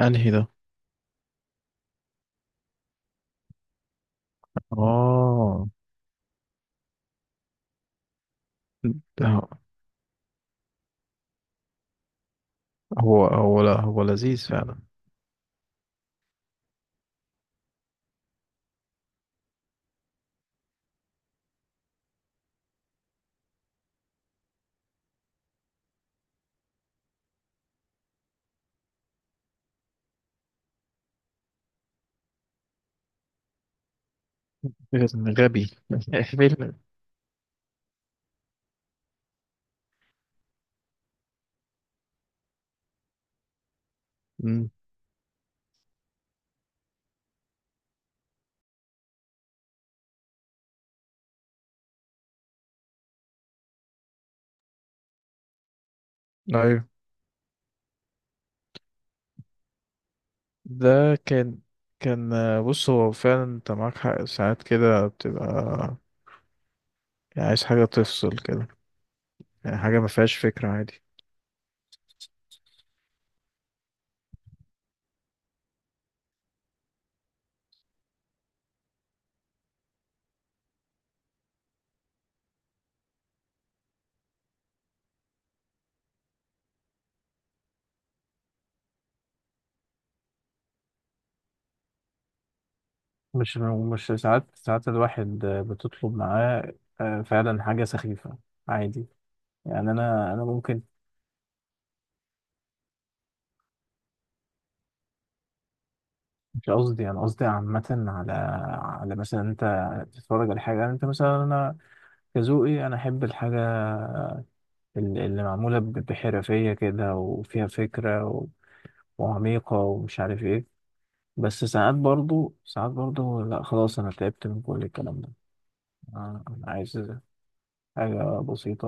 انهي ده؟ اه، ده هو لا هو لذيذ فعلا. غبي. فيلم. أمم، ايوه. ده كان بص، هو فعلا انت معاك حق. ساعات كده بتبقى يعني عايز حاجة تفصل كده، يعني حاجة ما فيهاش فكرة، عادي. مش مش ساعات ساعات الواحد بتطلب معاه، فعلا حاجة سخيفة، عادي، يعني أنا ممكن. مش قصدي، أنا قصدي عامة، على مثلا أنت تتفرج على حاجة، يعني أنت مثلا. أنا كذوقي انا احب الحاجه اللي معموله بحرفيه كده وفيها فكره وعميقه ومش عارف ايه. بس ساعات برضو، ساعات برضو، لا، خلاص انا تعبت من كل الكلام ده. أنا عايز حاجه بسيطه،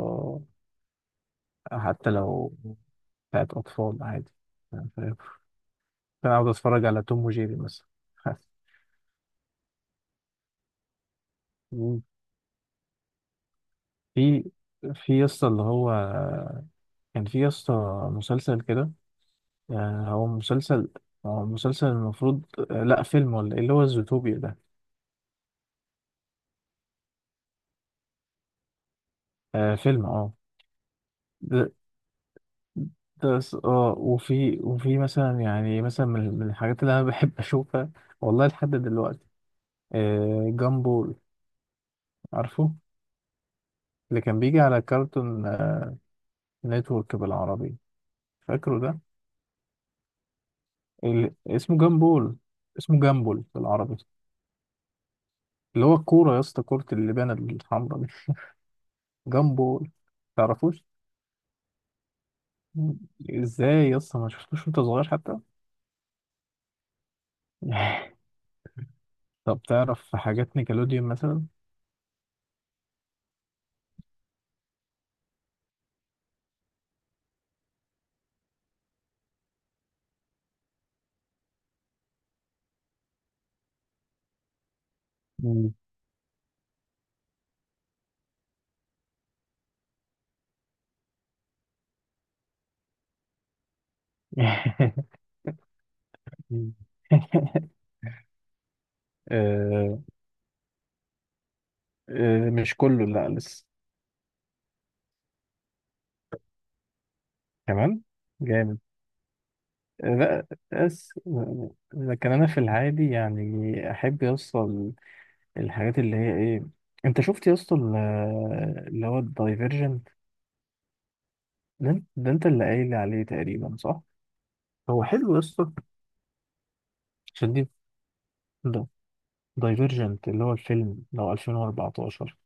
حتى لو بتاعت اطفال، عادي، أنا فاهم. انا اقعد اتفرج على توم وجيري مثلا. مم. في في يسطا، اللي هو كان في يسطا مسلسل كده. هو مسلسل، المفروض. لا فيلم ولا ايه، اللي هو الزوتوبيا ده؟ آه فيلم، اه. ده وفي مثلا، يعني مثلا، من الحاجات اللي انا بحب اشوفها، والله لحد دلوقتي، جامبول. عارفه؟ اللي كان بيجي على كارتون نتورك بالعربي، فاكره ده؟ اسمه جامبول، اسمه جامبول بالعربي. اللي هو الكورة يا اسطى، كرة اللبانة الحمراء دي. جامبول. تعرفوش؟ ازاي يا اسطى ما شفتوش وانت صغير حتى؟ طب تعرف حاجات نيكلوديون مثلا؟ مم. مم. آه آه، مش كله، لا لسه. كمان جامد. لا بس. لكن انا في العادي يعني احب يوصل الحاجات اللي هي ايه. انت شفت يا اسطى اللي هو الدايفرجنت؟ ده انت اللي قايل عليه تقريبا، صح؟ هو حلو يا اسطى، عشان دي دايفرجنت اللي هو الفيلم لو 2014.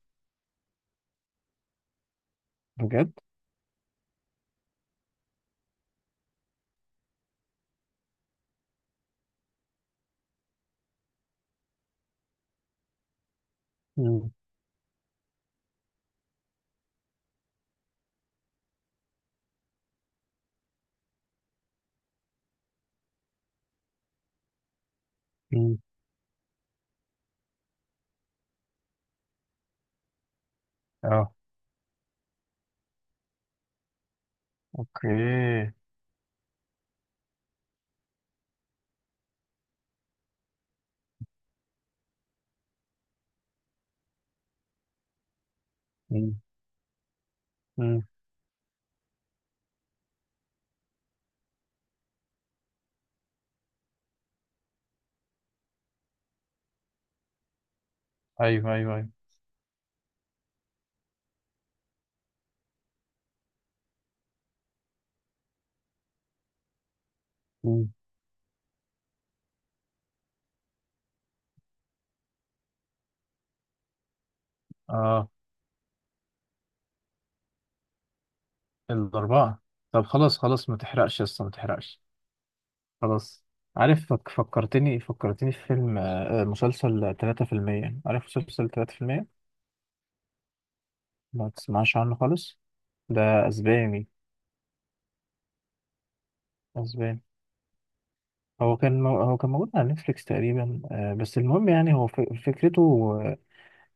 بجد. مم. مم. اه. اوكي. مم. مم. ايوه، ايوه، ايوه. مم. اه الاربعه. طب خلاص خلاص، ما تحرقش يا اسطى، ما تحرقش. خلاص. عارف، فكرتني في فيلم، مسلسل 3%. عارف مسلسل 3%؟ ما تسمعش عنه خالص. ده اسباني، اسباني. هو كان موجود على نتفليكس تقريبا. بس المهم، يعني هو فكرته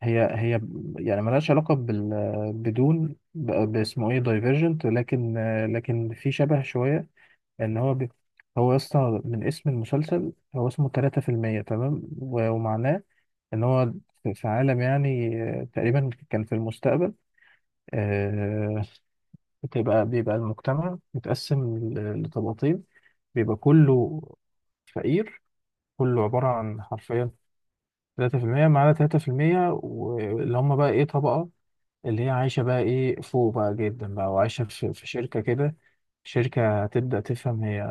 هي يعني ملهاش علاقة بال بدون، باسمه ايه، دايفرجنت، لكن في شبه شوية، ان هو هو اصلا من اسم المسلسل. هو اسمه 3%، تمام، ومعناه ان هو في عالم يعني تقريبا كان في المستقبل، آه، بيبقى المجتمع متقسم لطبقتين، بيبقى كله فقير، كله عبارة عن حرفيا 3%. معانا 3% واللي هم بقى إيه، طبقة اللي هي عايشة بقى إيه فوق بقى جدا بقى وعايشة في شركة كده. شركة تبدأ تفهم هي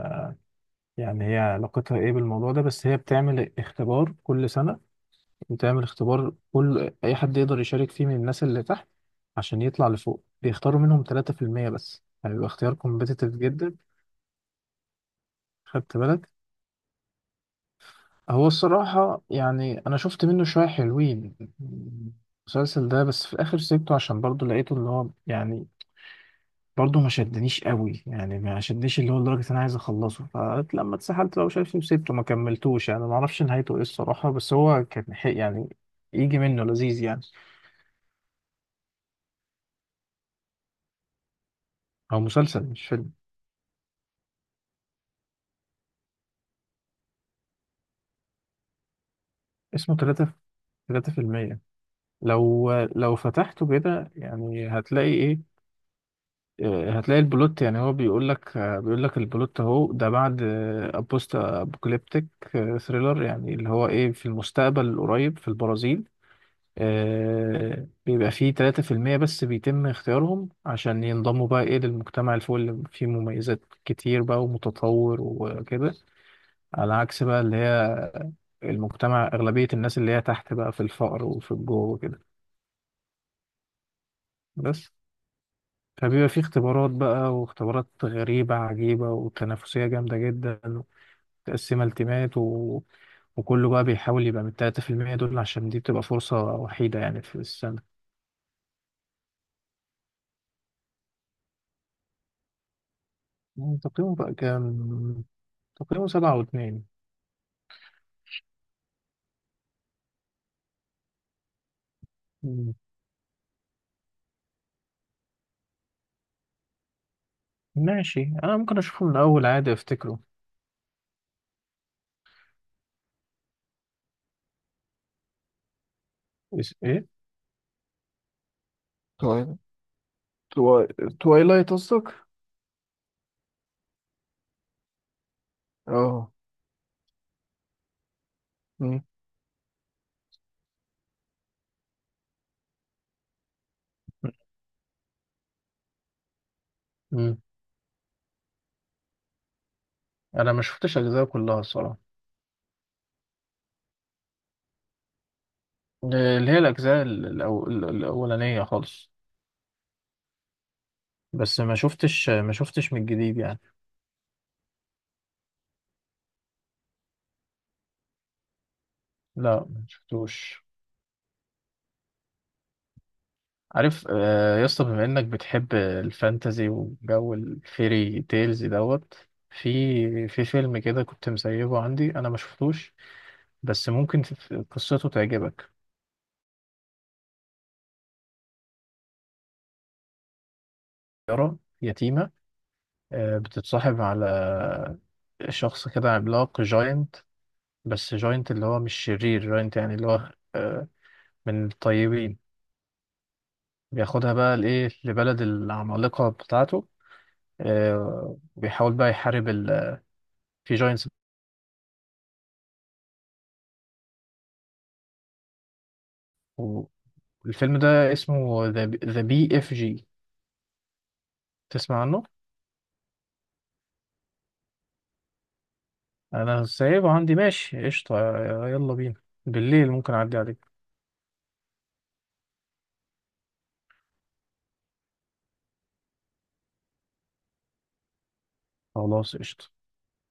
يعني هي علاقتها إيه بالموضوع ده، بس هي بتعمل اختبار كل أي حد يقدر يشارك فيه، من الناس اللي تحت، عشان يطلع لفوق. بيختاروا منهم 3% بس، هيبقى اختيار كومبيتيتيف جدا. خدت بالك؟ هو الصراحة يعني أنا شفت منه شوية حلوين، المسلسل ده، بس في الآخر سيبته، عشان برضه لقيته اللي هو، يعني برضه ما شدنيش قوي، يعني ما شدنيش اللي هو لدرجة انا عايز اخلصه. فلما اتسحلت بقى وشايف وسبته، ما كملتوش، يعني ما اعرفش نهايته ايه الصراحة، بس هو كان حق يعني، يجي منه لذيذ يعني. هو مسلسل مش فيلم. اسمه تلاتة، 3%. لو فتحته كده يعني هتلاقي ايه، هتلاقي البلوت. يعني هو بيقول لك، بيقول لك البلوت اهو ده، بعد، بوست ابوكاليبتيك ثريلر، يعني اللي هو ايه، في المستقبل القريب في البرازيل. بيبقى فيه 3% بس بيتم اختيارهم عشان ينضموا بقى ايه للمجتمع اللي فوق، اللي فيه مميزات كتير بقى ومتطور وكده. على عكس بقى اللي هي المجتمع، أغلبية الناس اللي هي تحت بقى في الفقر وفي الجوع وكده. بس فبيبقى فيه اختبارات بقى، واختبارات غريبة عجيبة وتنافسية جامدة جدا، ومتقسمة التيمات وكله بقى بيحاول يبقى من 3% دول، عشان دي بتبقى فرصة وحيدة يعني في السنة. تقييمه بقى كام؟ تقييمه 7.2. مم. ماشي، أنا ممكن أشوفه من الأول عادي، أفتكره. إس إيه؟ توايلايت. تواي... توايلايت قصدك؟ اه. مم. مم. أنا ما شفتش أجزاء كلها الصراحة، اللي هي الأجزاء الأولانية خالص. بس ما شفتش من الجديد يعني. لا ما شفتوش. عارف يا اسطى، بما إنك بتحب الفانتازي وجو الفيري تيلز دوت، في في فيلم كده كنت مسيبه عندي، أنا ما شفتوش، بس ممكن في قصته تعجبك. يارا يتيمة، بتتصاحب على شخص كده عملاق، جاينت، بس جاينت اللي هو مش شرير، جاينت يعني اللي هو، من الطيبين. بياخدها بقى لإيه، لبلد العمالقة بتاعته، وبيحاول بقى يحارب في جاينتس. والفيلم ده اسمه ذا بي اف جي. تسمع عنه؟ أنا سايبه عندي، ماشي قشطة. يلا بينا بالليل، ممكن أعدي عليك. خلاص قشطة.